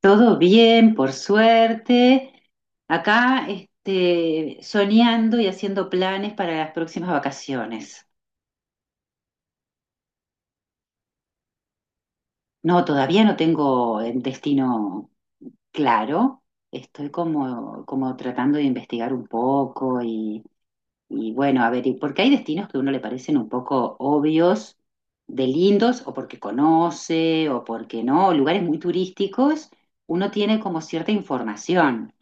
Todo bien, por suerte. Acá, soñando y haciendo planes para las próximas vacaciones. No, todavía no tengo el destino claro. Estoy como tratando de investigar un poco y bueno, a ver, porque hay destinos que a uno le parecen un poco obvios, de lindos, o porque conoce, o porque no, lugares muy turísticos, uno tiene como cierta información.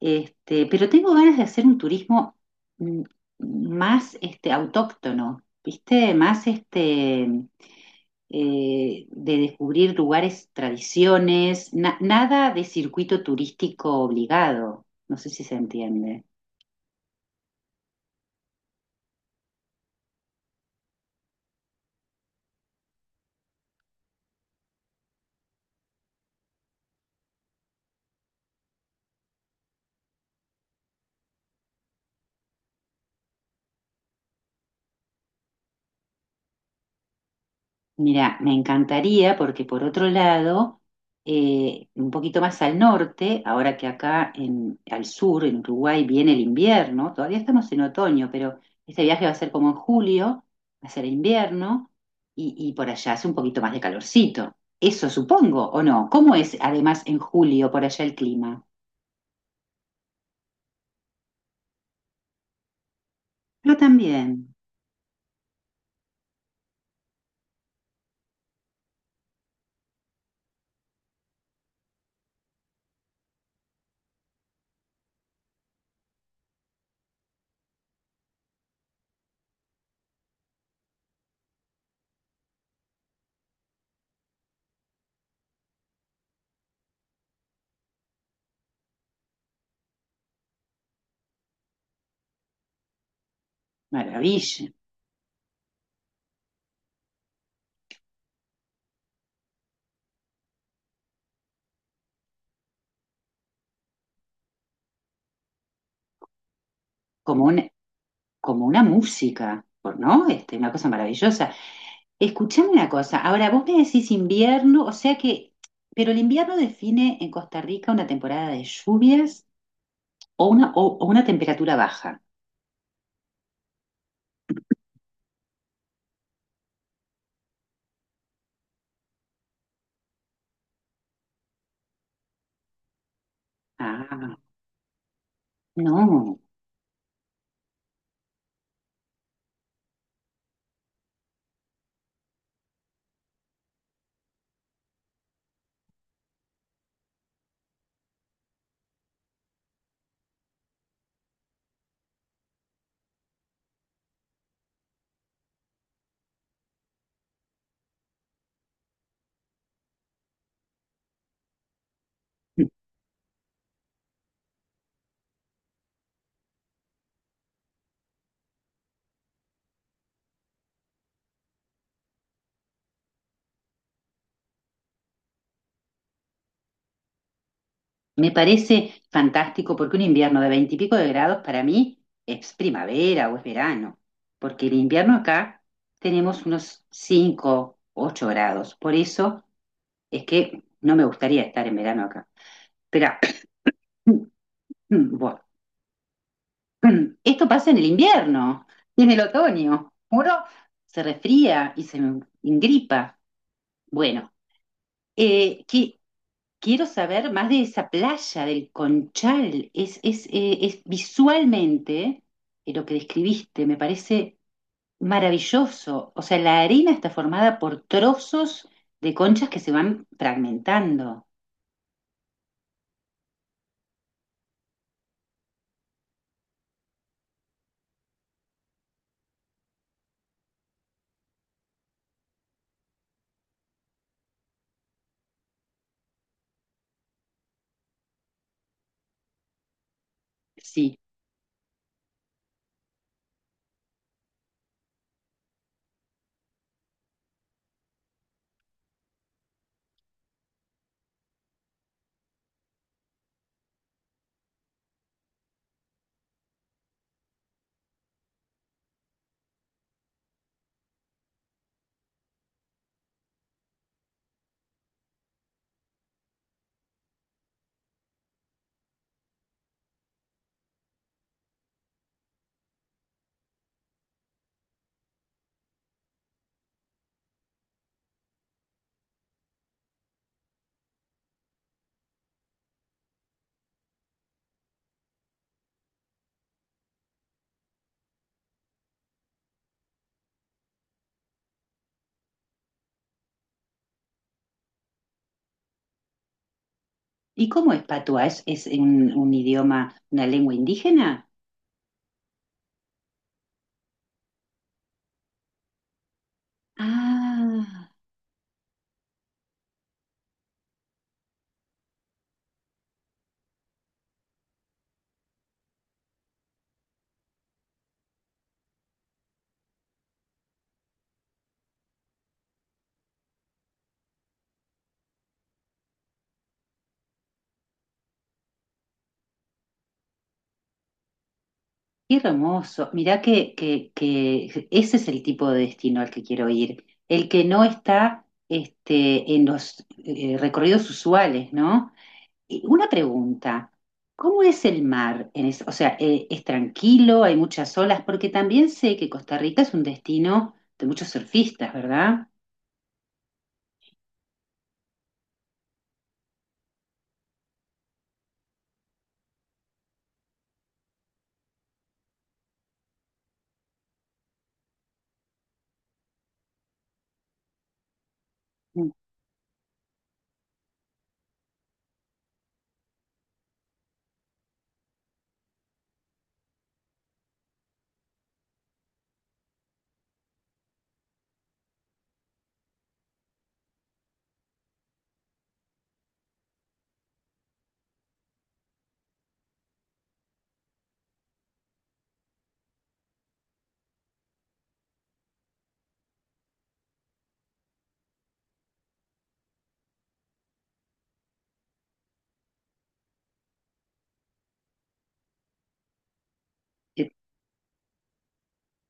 Pero tengo ganas de hacer un turismo mm, más autóctono, ¿viste? Más de descubrir lugares, tradiciones, nada de circuito turístico obligado. No sé si se entiende. Mira, me encantaría porque por otro lado, un poquito más al norte, ahora que acá en, al sur, en Uruguay, viene el invierno, todavía estamos en otoño, pero este viaje va a ser como en julio, va a ser invierno y por allá hace un poquito más de calorcito. Eso supongo, ¿o no? ¿Cómo es además en julio por allá el clima? Pero también, maravilla, como un, como una música, ¿no? Una cosa maravillosa. Escuchame una cosa, ahora vos me decís invierno, o sea que, pero el invierno define en Costa Rica una temporada de lluvias o una temperatura baja. Ah, no, me parece fantástico porque un invierno de veintipico de grados para mí es primavera o es verano, porque el invierno acá tenemos unos 5, 8 grados, por eso es que no me gustaría estar en verano acá. Espera, bueno, esto pasa en el invierno y en el otoño. Uno se resfría y se engripa. Bueno, eh, que- quiero saber más de esa playa del Conchal. Es visualmente lo que describiste, me parece maravilloso. O sea, la arena está formada por trozos de conchas que se van fragmentando. Sí. ¿Y cómo es patua? ¿Es un idioma, una lengua indígena? Ah, qué hermoso. Mirá que ese es el tipo de destino al que quiero ir. El que no está en los recorridos usuales, ¿no? Y una pregunta, ¿cómo es el mar? O sea, ¿es tranquilo? ¿Hay muchas olas? Porque también sé que Costa Rica es un destino de muchos surfistas, ¿verdad?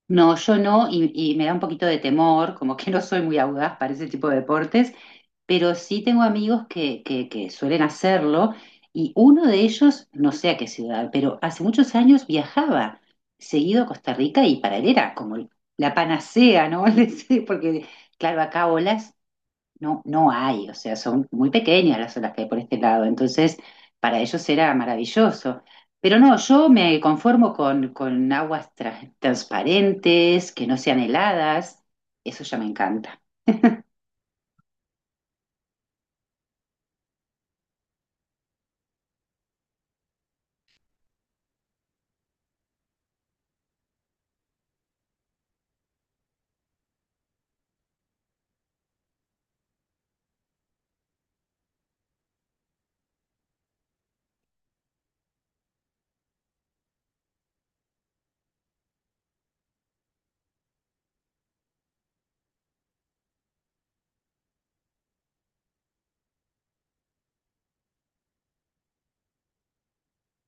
No, yo no, y me da un poquito de temor, como que no soy muy audaz para ese tipo de deportes, pero sí tengo amigos que suelen hacerlo, y uno de ellos, no sé a qué ciudad, pero hace muchos años viajaba seguido a Costa Rica y para él era como la panacea, ¿no? Le decía, porque, claro, acá olas no, no hay, o sea, son muy pequeñas las olas que hay por este lado, entonces para ellos era maravilloso. Pero no, yo me conformo con aguas transparentes, que no sean heladas, eso ya me encanta.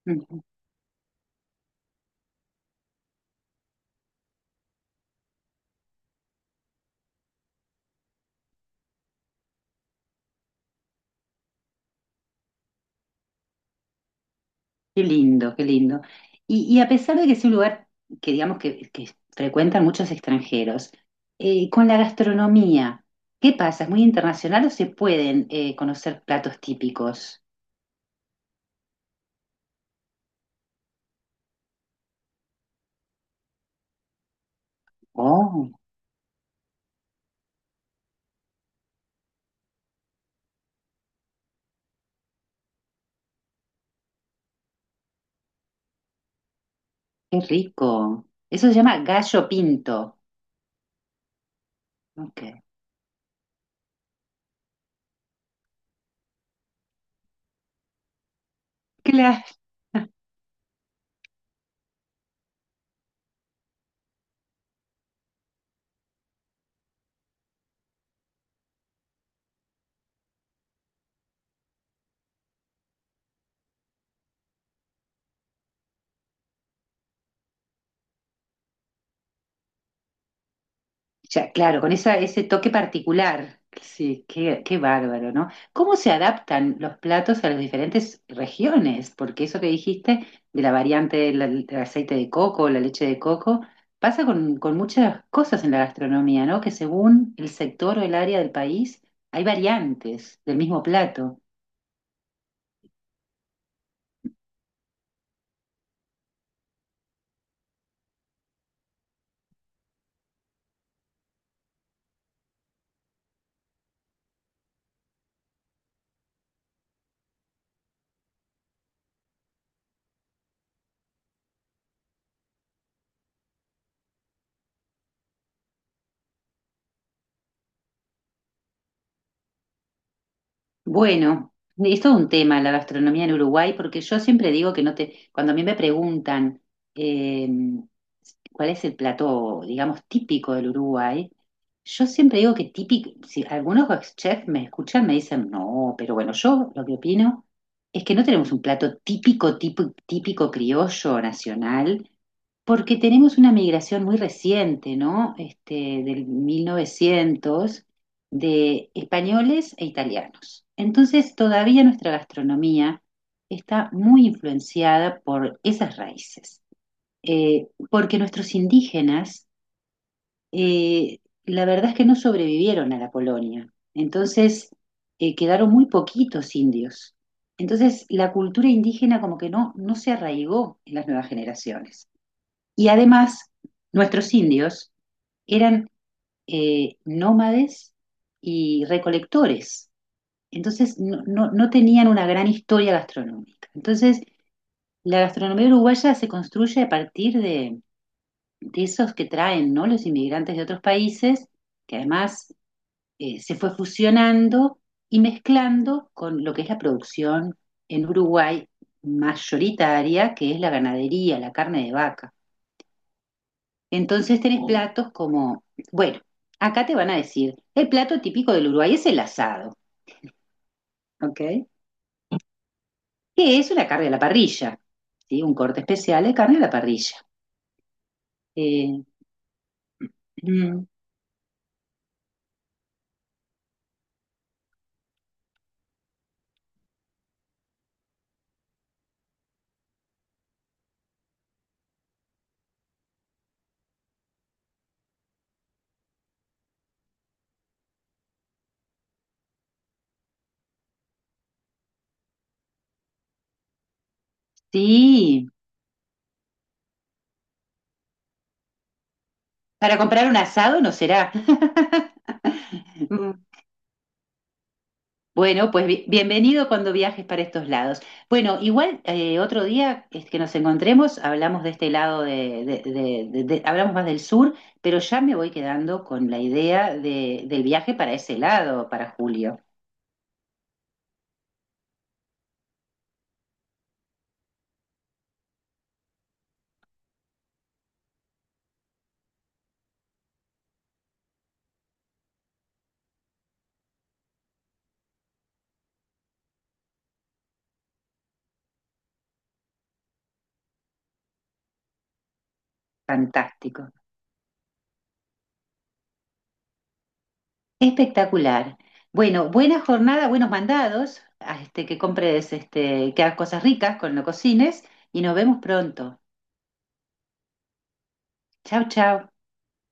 Ujú. Qué lindo, qué lindo. Y a pesar de que es un lugar que digamos que frecuentan muchos extranjeros, con la gastronomía, ¿qué pasa? ¿Es muy internacional o se pueden conocer platos típicos? Qué rico. Eso se llama gallo pinto. Ok. Claro. Ya, claro, con ese toque particular. Sí, qué bárbaro, ¿no? ¿Cómo se adaptan los platos a las diferentes regiones? Porque eso que dijiste de la variante del aceite de coco, la leche de coco, pasa con muchas cosas en la gastronomía, ¿no? Que según el sector o el área del país, hay variantes del mismo plato. Bueno, es todo un tema la gastronomía en Uruguay, porque yo siempre digo que no te, cuando a mí me preguntan eh, cuál es el plato, digamos, típico del Uruguay, yo siempre digo que típico, si algunos chefs me escuchan, me dicen, no, pero bueno, yo lo que opino es que no tenemos un plato típico, típico, típico criollo nacional, porque tenemos una migración muy reciente, ¿no? Del 1900 de españoles e italianos. Entonces, todavía nuestra gastronomía está muy influenciada por esas raíces, porque nuestros indígenas, eh, la verdad es que no sobrevivieron a la colonia, entonces quedaron muy poquitos indios. Entonces, la cultura indígena como que no, no se arraigó en las nuevas generaciones. Y además, nuestros indios eran nómades y recolectores. Entonces no, no, no tenían una gran historia gastronómica. Entonces la gastronomía uruguaya se construye a partir de esos que traen, ¿no? Los inmigrantes de otros países, que además se fue fusionando y mezclando con lo que es la producción en Uruguay mayoritaria, que es la ganadería, la carne de vaca. Entonces tenés platos como, bueno, acá te van a decir, el plato típico del Uruguay es el asado, ¿ok? Que es una carne a la parrilla, ¿sí? Un corte especial de carne a la parrilla. Eh, mm, sí, para comprar un asado no será. Mm, Bueno, pues bienvenido cuando viajes para estos lados. Bueno, igual otro día es que nos encontremos, hablamos de este lado hablamos más del sur, pero ya me voy quedando con la idea del viaje para ese lado, para julio. Fantástico. Espectacular. Bueno, buena jornada, buenos mandados, a que compres, que hagas cosas ricas con lo cocines y nos vemos pronto. Chao, chao.